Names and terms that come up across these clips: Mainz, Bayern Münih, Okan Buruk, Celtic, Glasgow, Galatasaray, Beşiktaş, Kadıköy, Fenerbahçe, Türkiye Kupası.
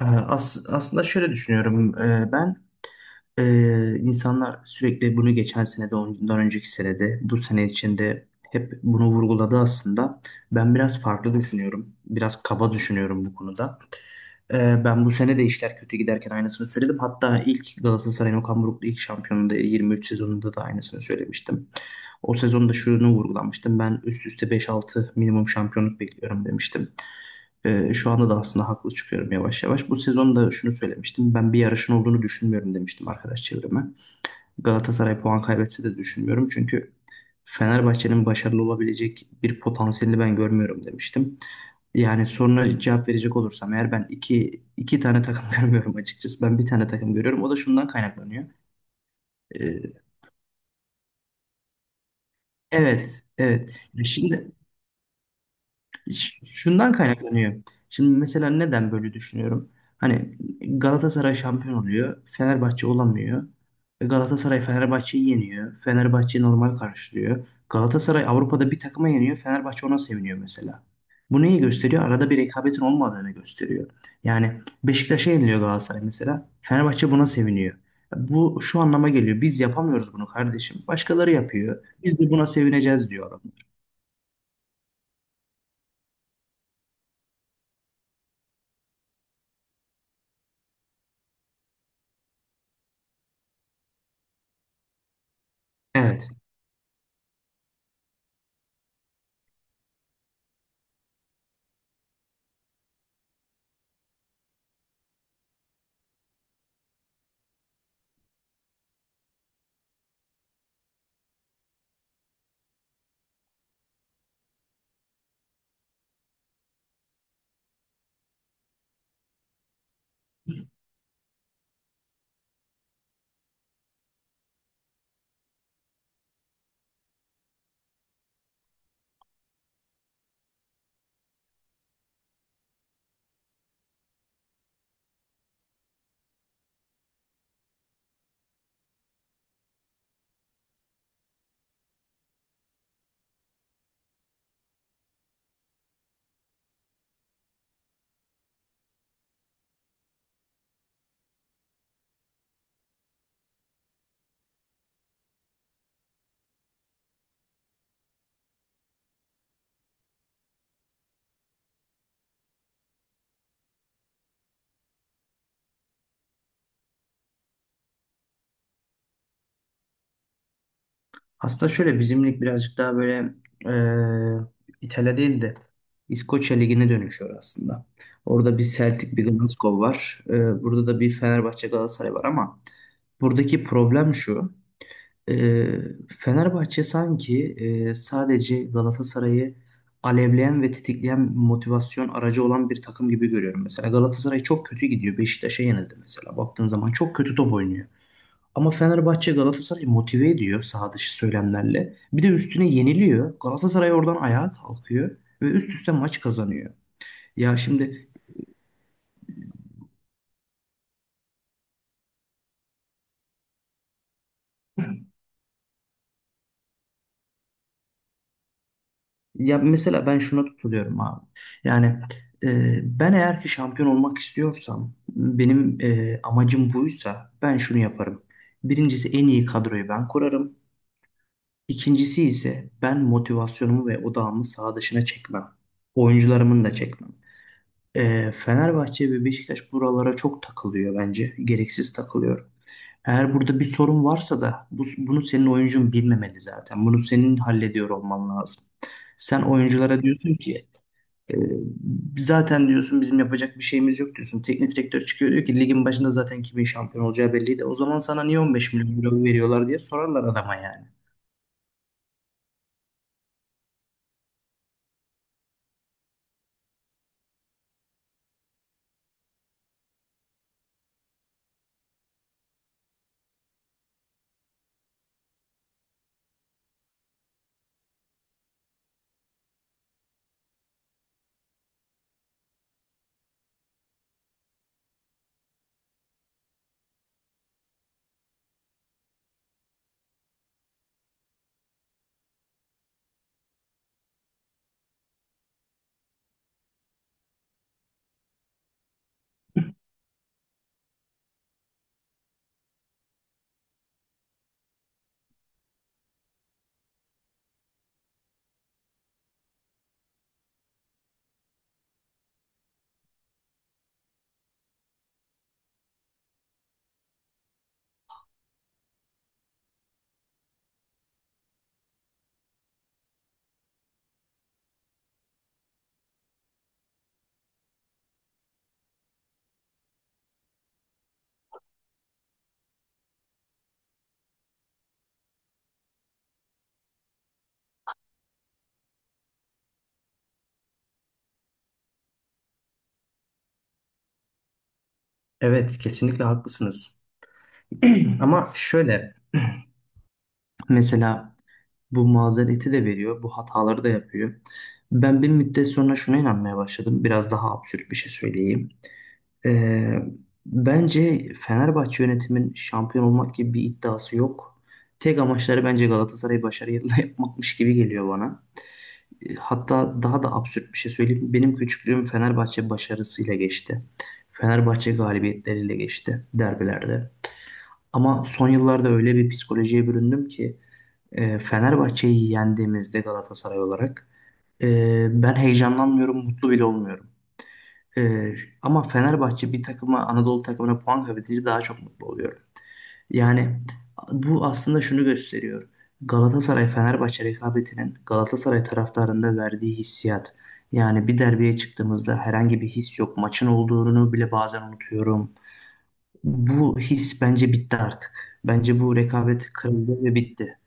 As aslında şöyle düşünüyorum. İnsanlar sürekli bunu geçen sene de ondan önceki sene de bu sene içinde hep bunu vurguladı aslında. Ben biraz farklı düşünüyorum. Biraz kaba düşünüyorum bu konuda. Ben bu sene de işler kötü giderken aynısını söyledim. Hatta ilk Galatasaray'ın Okan Buruk'lu ilk şampiyonluğunda 23 sezonunda da aynısını söylemiştim. O sezonda şunu vurgulamıştım. Ben üst üste beş altı minimum şampiyonluk bekliyorum demiştim. Şu anda da aslında haklı çıkıyorum yavaş yavaş. Bu sezonda şunu söylemiştim. Ben bir yarışın olduğunu düşünmüyorum demiştim arkadaş çevreme. Galatasaray puan kaybetse de düşünmüyorum. Çünkü Fenerbahçe'nin başarılı olabilecek bir potansiyelini ben görmüyorum demiştim. Yani soruna cevap verecek olursam eğer ben iki tane takım görmüyorum açıkçası. Ben bir tane takım görüyorum. O da şundan kaynaklanıyor. Ee, evet, evet. Şimdi Şundan kaynaklanıyor. Şimdi mesela neden böyle düşünüyorum? Hani Galatasaray şampiyon oluyor, Fenerbahçe olamıyor. E, Galatasaray Fenerbahçe'yi yeniyor. Fenerbahçe normal karşılıyor. Galatasaray Avrupa'da bir takıma yeniyor, Fenerbahçe ona seviniyor mesela. Bu neyi gösteriyor? Arada bir rekabetin olmadığını gösteriyor. Yani Beşiktaş'a yeniliyor Galatasaray mesela. Fenerbahçe buna seviniyor. Bu şu anlama geliyor. Biz yapamıyoruz bunu kardeşim. Başkaları yapıyor. Biz de buna sevineceğiz diyor adam. Evet. Aslında şöyle bizim lig birazcık daha böyle İtalya değil de İskoçya Ligi'ne dönüşüyor aslında. Orada bir Celtic, bir Glasgow var. E, burada da bir Fenerbahçe Galatasaray var ama buradaki problem şu. e, Fenerbahçe sanki sadece Galatasaray'ı alevleyen ve tetikleyen motivasyon aracı olan bir takım gibi görüyorum. Mesela Galatasaray çok kötü gidiyor. Beşiktaş'a yenildi mesela. Baktığın zaman çok kötü top oynuyor. Ama Fenerbahçe Galatasaray'ı motive ediyor saha dışı söylemlerle. Bir de üstüne yeniliyor. Galatasaray oradan ayağa kalkıyor ve üst üste maç kazanıyor. Ya şimdi ya mesela ben şuna tutuluyorum abi. Yani ben eğer ki şampiyon olmak istiyorsam benim amacım buysa ben şunu yaparım. Birincisi en iyi kadroyu ben kurarım. İkincisi ise ben motivasyonumu ve odağımı saha dışına çekmem. Oyuncularımın da çekmem. Fenerbahçe ve Beşiktaş buralara çok takılıyor bence. Gereksiz takılıyor. Eğer burada bir sorun varsa da bunu senin oyuncun bilmemeli zaten. Bunu senin hallediyor olman lazım. Sen oyunculara diyorsun ki e, zaten diyorsun bizim yapacak bir şeyimiz yok diyorsun. Teknik direktör çıkıyor diyor ki ligin başında zaten kimin şampiyon olacağı belliydi. O zaman sana niye 15 milyon euro veriyorlar diye sorarlar adama yani. Evet kesinlikle haklısınız. Ama şöyle mesela bu mazereti de veriyor, bu hataları da yapıyor. Ben bir müddet sonra şuna inanmaya başladım. Biraz daha absürt bir şey söyleyeyim. Ee, Bence Fenerbahçe yönetimin şampiyon olmak gibi bir iddiası yok. Tek amaçları bence Galatasaray'ı başarıyla yapmakmış gibi geliyor bana. Hatta daha da absürt bir şey söyleyeyim. Benim küçüklüğüm Fenerbahçe başarısıyla geçti. Fenerbahçe galibiyetleriyle geçti derbilerde. Ama son yıllarda öyle bir psikolojiye büründüm ki Fenerbahçe'yi yendiğimizde Galatasaray olarak ben heyecanlanmıyorum, mutlu bile olmuyorum. E, Ama Fenerbahçe bir takıma, Anadolu takımına puan kaybedince daha çok mutlu oluyorum. Yani bu aslında şunu gösteriyor. Galatasaray-Fenerbahçe rekabetinin Galatasaray taraftarında verdiği hissiyat. Yani bir derbiye çıktığımızda herhangi bir his yok. Maçın olduğunu bile bazen unutuyorum. Bu his bence bitti artık. Bence bu rekabet kırıldı ve bitti.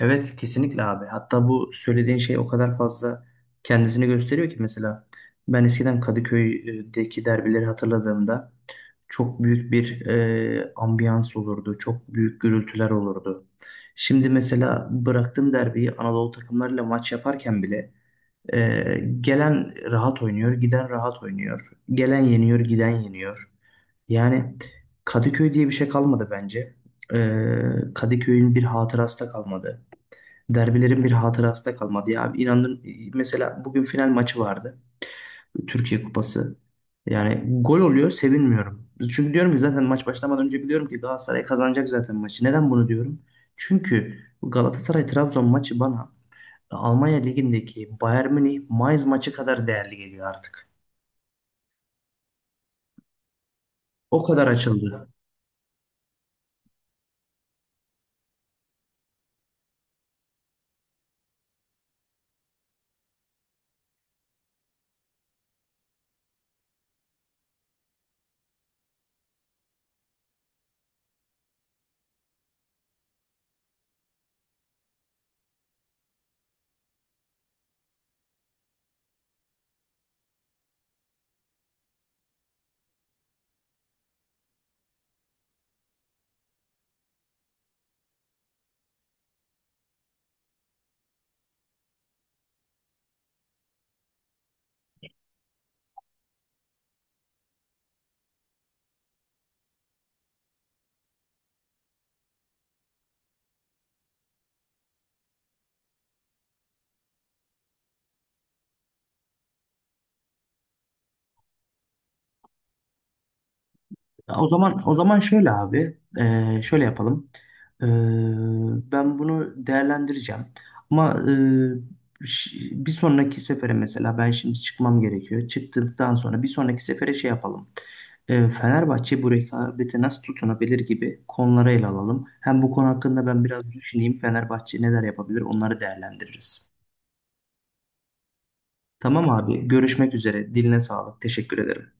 Evet kesinlikle abi. Hatta bu söylediğin şey o kadar fazla kendisini gösteriyor ki mesela ben eskiden Kadıköy'deki derbileri hatırladığımda çok büyük bir ambiyans olurdu. Çok büyük gürültüler olurdu. Şimdi mesela bıraktığım derbiyi Anadolu takımlarıyla maç yaparken bile gelen rahat oynuyor, giden rahat oynuyor. Gelen yeniyor, giden yeniyor. Yani Kadıköy diye bir şey kalmadı bence. Kadıköy'ün bir hatırası da kalmadı. Derbilerin bir hatırası da kalmadı ya. İnanın mesela bugün final maçı vardı. Türkiye Kupası. Yani gol oluyor sevinmiyorum. Çünkü diyorum ki zaten maç başlamadan önce biliyorum ki Galatasaray kazanacak zaten maçı. Neden bunu diyorum? Çünkü Galatasaray Trabzon maçı bana Almanya Ligi'ndeki Bayern Münih Mainz maçı kadar değerli geliyor artık. O kadar açıldı. O zaman şöyle abi, şöyle yapalım. Eee, Ben bunu değerlendireceğim. Ama ş- bir sonraki sefere mesela ben şimdi çıkmam gerekiyor. Çıktıktan sonra bir sonraki sefere şey yapalım. Fenerbahçe bu rekabete nasıl tutunabilir gibi konuları ele alalım. Hem bu konu hakkında ben biraz düşüneyim. Fenerbahçe neler yapabilir onları değerlendiririz. Tamam abi, görüşmek üzere. Diline sağlık. Teşekkür ederim.